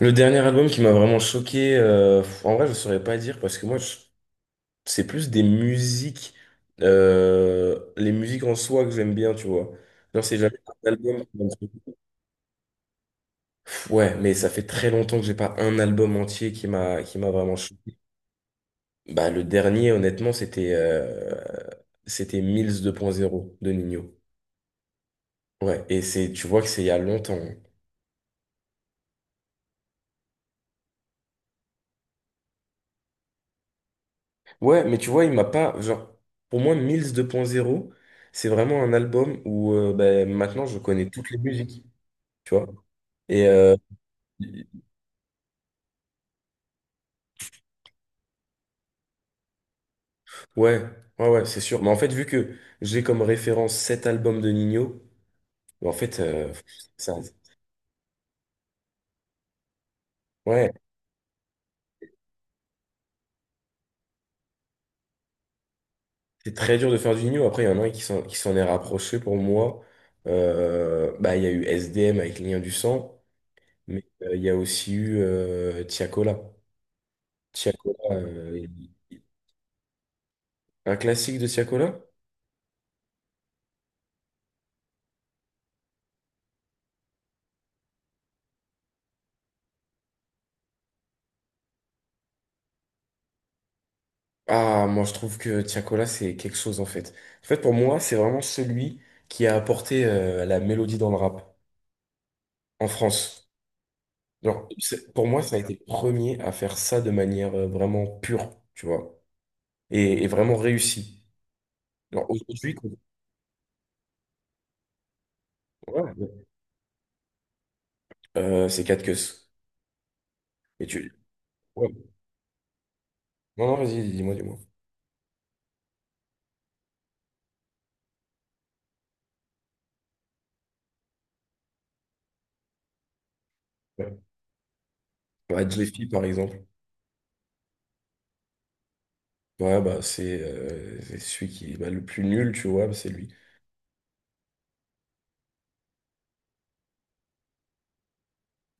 Le dernier album qui m'a vraiment choqué, en vrai, je saurais pas dire parce que c'est plus des musiques, les musiques en soi que j'aime bien, tu vois. Genre, c'est jamais un album qui m'a choqué. Ouais, mais ça fait très longtemps que j'ai pas un album entier qui m'a vraiment choqué. Bah, le dernier, honnêtement, c'était Mills deux point zéro de Nino. Ouais, et c'est, tu vois que c'est il y a longtemps, hein. Ouais, mais tu vois, il m'a pas. Genre, pour moi, Mills 2.0, c'est vraiment un album où maintenant je connais toutes les musiques, tu vois. Et euh, ouais, ouais, ouais, c'est sûr. Mais en fait, vu que j'ai comme référence cet album de Nino, ben, en fait, euh, ça, ouais, c'est très dur de faire du Nino. Après, il y en a un qui s'en est rapproché pour moi. Il y a eu SDM avec Lien du sang, mais il y a aussi eu Tiakola. Tiakola, euh, un classique de Tiakola? Ah, moi je trouve que Tiakola c'est quelque chose en fait. En fait pour moi c'est vraiment celui qui a apporté la mélodie dans le rap en France. Pour moi ça a été le premier à faire ça de manière vraiment pure, tu vois, et vraiment réussi. Genre aujourd'hui, quand- ouais, ouais. C'est 4 queues. Et tu... ouais. Non, non, vas-y, dis-moi, dis-moi. Ouais. Bah, Jeffy par exemple. Ouais, bah c'est celui qui est bah, le plus nul, tu vois, bah, c'est lui.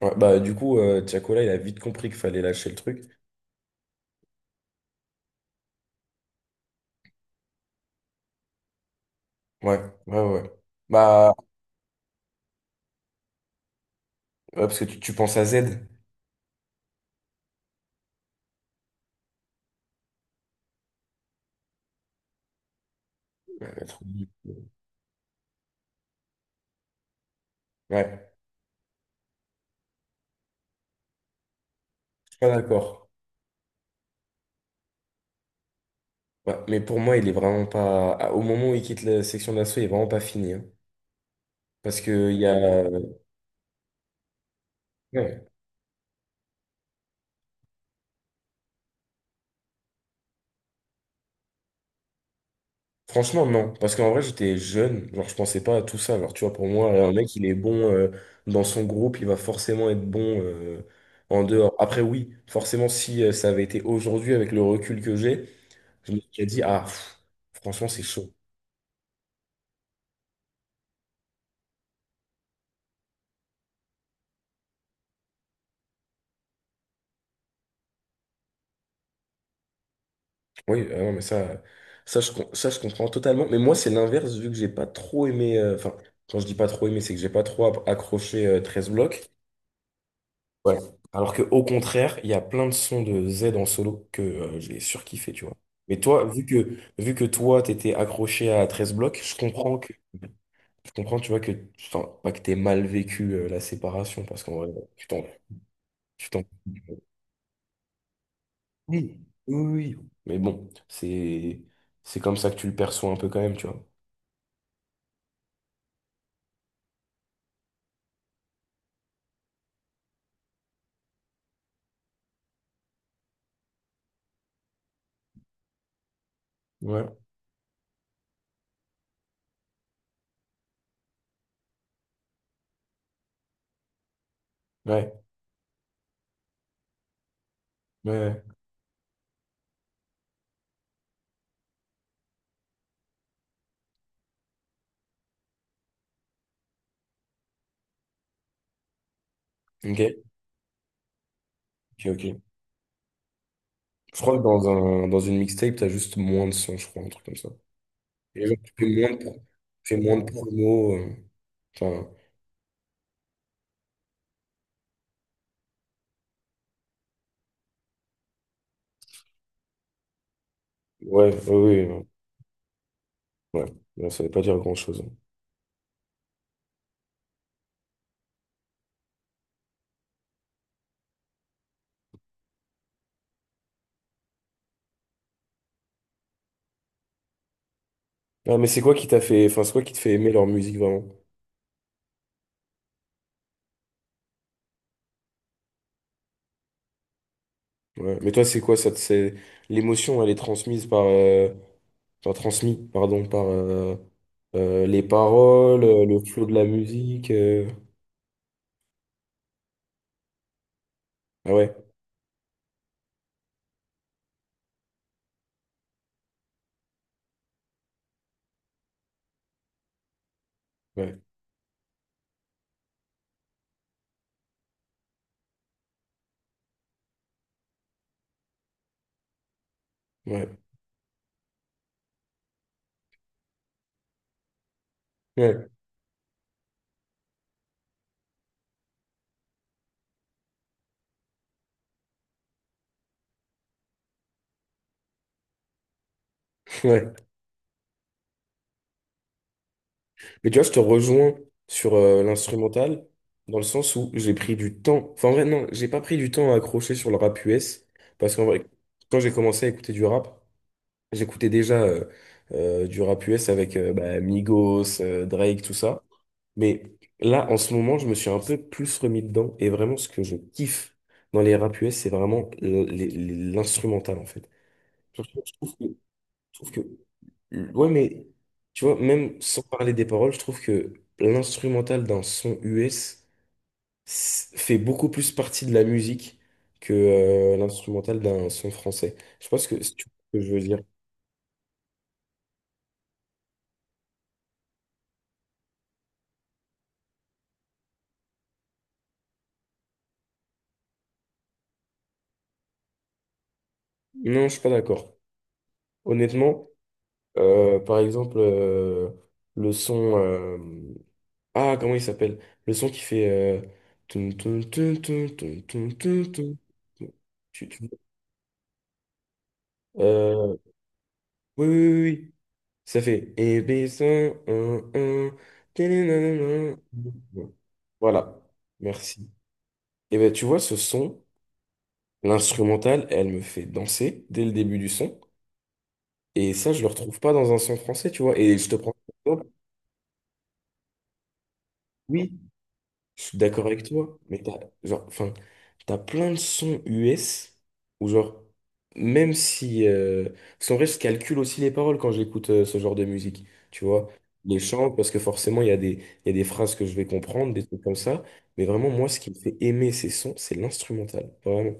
Ouais, bah du coup Tiakola il a vite compris qu'il fallait lâcher le truc. Ouais, ouais, ouais, ouais. Bah, ouais, parce que tu penses à Z. Ouais, trop bien. Ouais, je suis pas d'accord. Ouais, mais pour moi, il est vraiment pas. Au moment où il quitte la section d'assaut, il est vraiment pas fini, hein. Parce que il y a. Ouais. Franchement, non. Parce qu'en vrai, j'étais jeune. Genre, je pensais pas à tout ça. Genre, tu vois, pour moi, un mec, il est bon dans son groupe, il va forcément être bon en dehors. Après, oui, forcément, si ça avait été aujourd'hui avec le recul que j'ai, je me serais dit, ah, pff, franchement, c'est chaud. Oui, ah non, mais ça, ça, je comprends totalement. Mais moi, c'est l'inverse, vu que j'ai pas trop aimé. Enfin, quand je dis pas trop aimé, c'est que j'ai pas accroché 13 blocs. Ouais. Alors que, au contraire, il y a plein de sons de Z en solo que j'ai surkiffé, tu vois. Mais toi, vu que toi, t'étais accroché à 13 blocs, je comprends, tu vois, que, enfin, pas que t'aies mal vécu la séparation, parce qu'en vrai, tu t'en, tu t'en oui, oui, oui. Mais bon, c'est comme ça que tu le perçois un peu quand même, tu vois. Ouais. Ouais, ouais, ouais. Ok, ok, ok. Je crois que dans une mixtape, t'as juste moins de sons, je crois, un truc comme ça. Et genre, tu fais moins de promos. Enfin, ouais, ouais, ouais, ouais. Ouais, ouais, ça veut pas dire grand-chose. Ah, mais c'est quoi qui t'a fait, enfin, c'est quoi qui te fait aimer leur musique vraiment? Ouais. Mais toi, c'est quoi ça, te- c'est l'émotion, elle est transmise par, enfin, transmise, pardon, par les paroles, le flow de la musique, euh. Ah ouais, ouais, ouais, ouais, ouais. Mais tu vois, je te rejoins sur l'instrumental, dans le sens où j'ai pris du temps. Enfin, en vrai, non, j'ai pas pris du temps à accrocher sur le rap US, parce qu'en vrai, quand j'ai commencé à écouter du rap, j'écoutais déjà du rap US avec Migos, Drake, tout ça. Mais là, en ce moment, je me suis un peu plus remis dedans, et vraiment, ce que je kiffe dans les rap US, c'est vraiment l'instrumental, en fait. Surtout, je trouve que. Ouais, mais tu vois, même sans parler des paroles, je trouve que l'instrumental d'un son US fait beaucoup plus partie de la musique que l'instrumental d'un son français. Je pense que si tu vois ce que je veux dire. Non, je suis pas d'accord. Honnêtement, par exemple, le son, ah, comment il s'appelle? Le son qui fait, toun, toun, toun, toun, toun, toun, toun, toun. Tu- tu- euh, Oui, oui, oui, oui. Ça fait et baissons, un, voilà, merci. Et ben tu vois, ce son, l'instrumental, elle me fait danser dès le début du son. Et ça, je le retrouve pas dans un son français, tu vois. Et je te prends. Un. Je suis d'accord avec toi, mais t'as, genre, enfin, t'as plein de sons US où, genre, même si, parce qu'en vrai, je calcule aussi les paroles quand j'écoute ce genre de musique, tu vois. Les chants, parce que forcément, il y a des phrases que je vais comprendre, des trucs comme ça. Mais vraiment, moi, ce qui me fait aimer ces sons, c'est l'instrumental. Vraiment,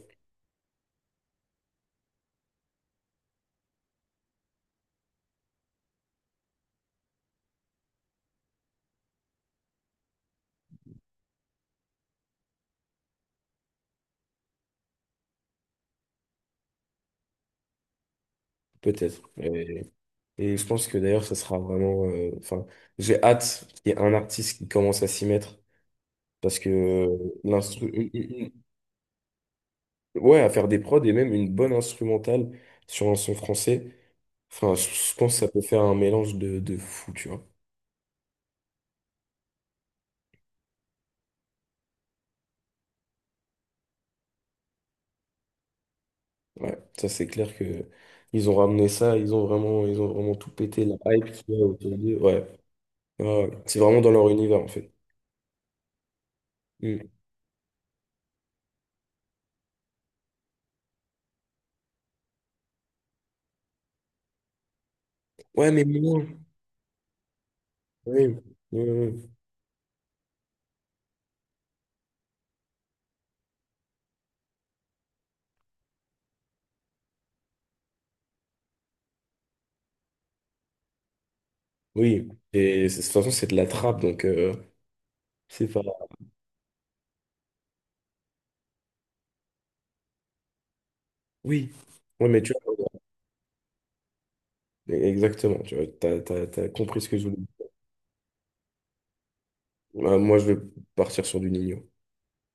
peut-être. Et je pense que d'ailleurs, ça sera vraiment. Enfin, j'ai hâte qu'il y ait un artiste qui commence à s'y mettre. Parce que l'instru. Ouais, à faire des prods et même une bonne instrumentale sur un son français. Enfin, je pense que ça peut faire un mélange de fou, tu vois. Ouais, ça c'est clair que ils ont ramené ça, ils ont vraiment tout pété, la hype qu'il y a autour d'eux. Ouais, ouais, ouais, c'est vraiment dans leur univers en fait. Mm. Ouais, mais moins. Oui, oui, oui. Oui. Oui, de toute façon, c'est de la trappe, c'est pas. Oui. Ouais, mais tu vois, exactement, tu vois, t'as compris ce que je voulais dire. Moi, je vais partir sur du Nino.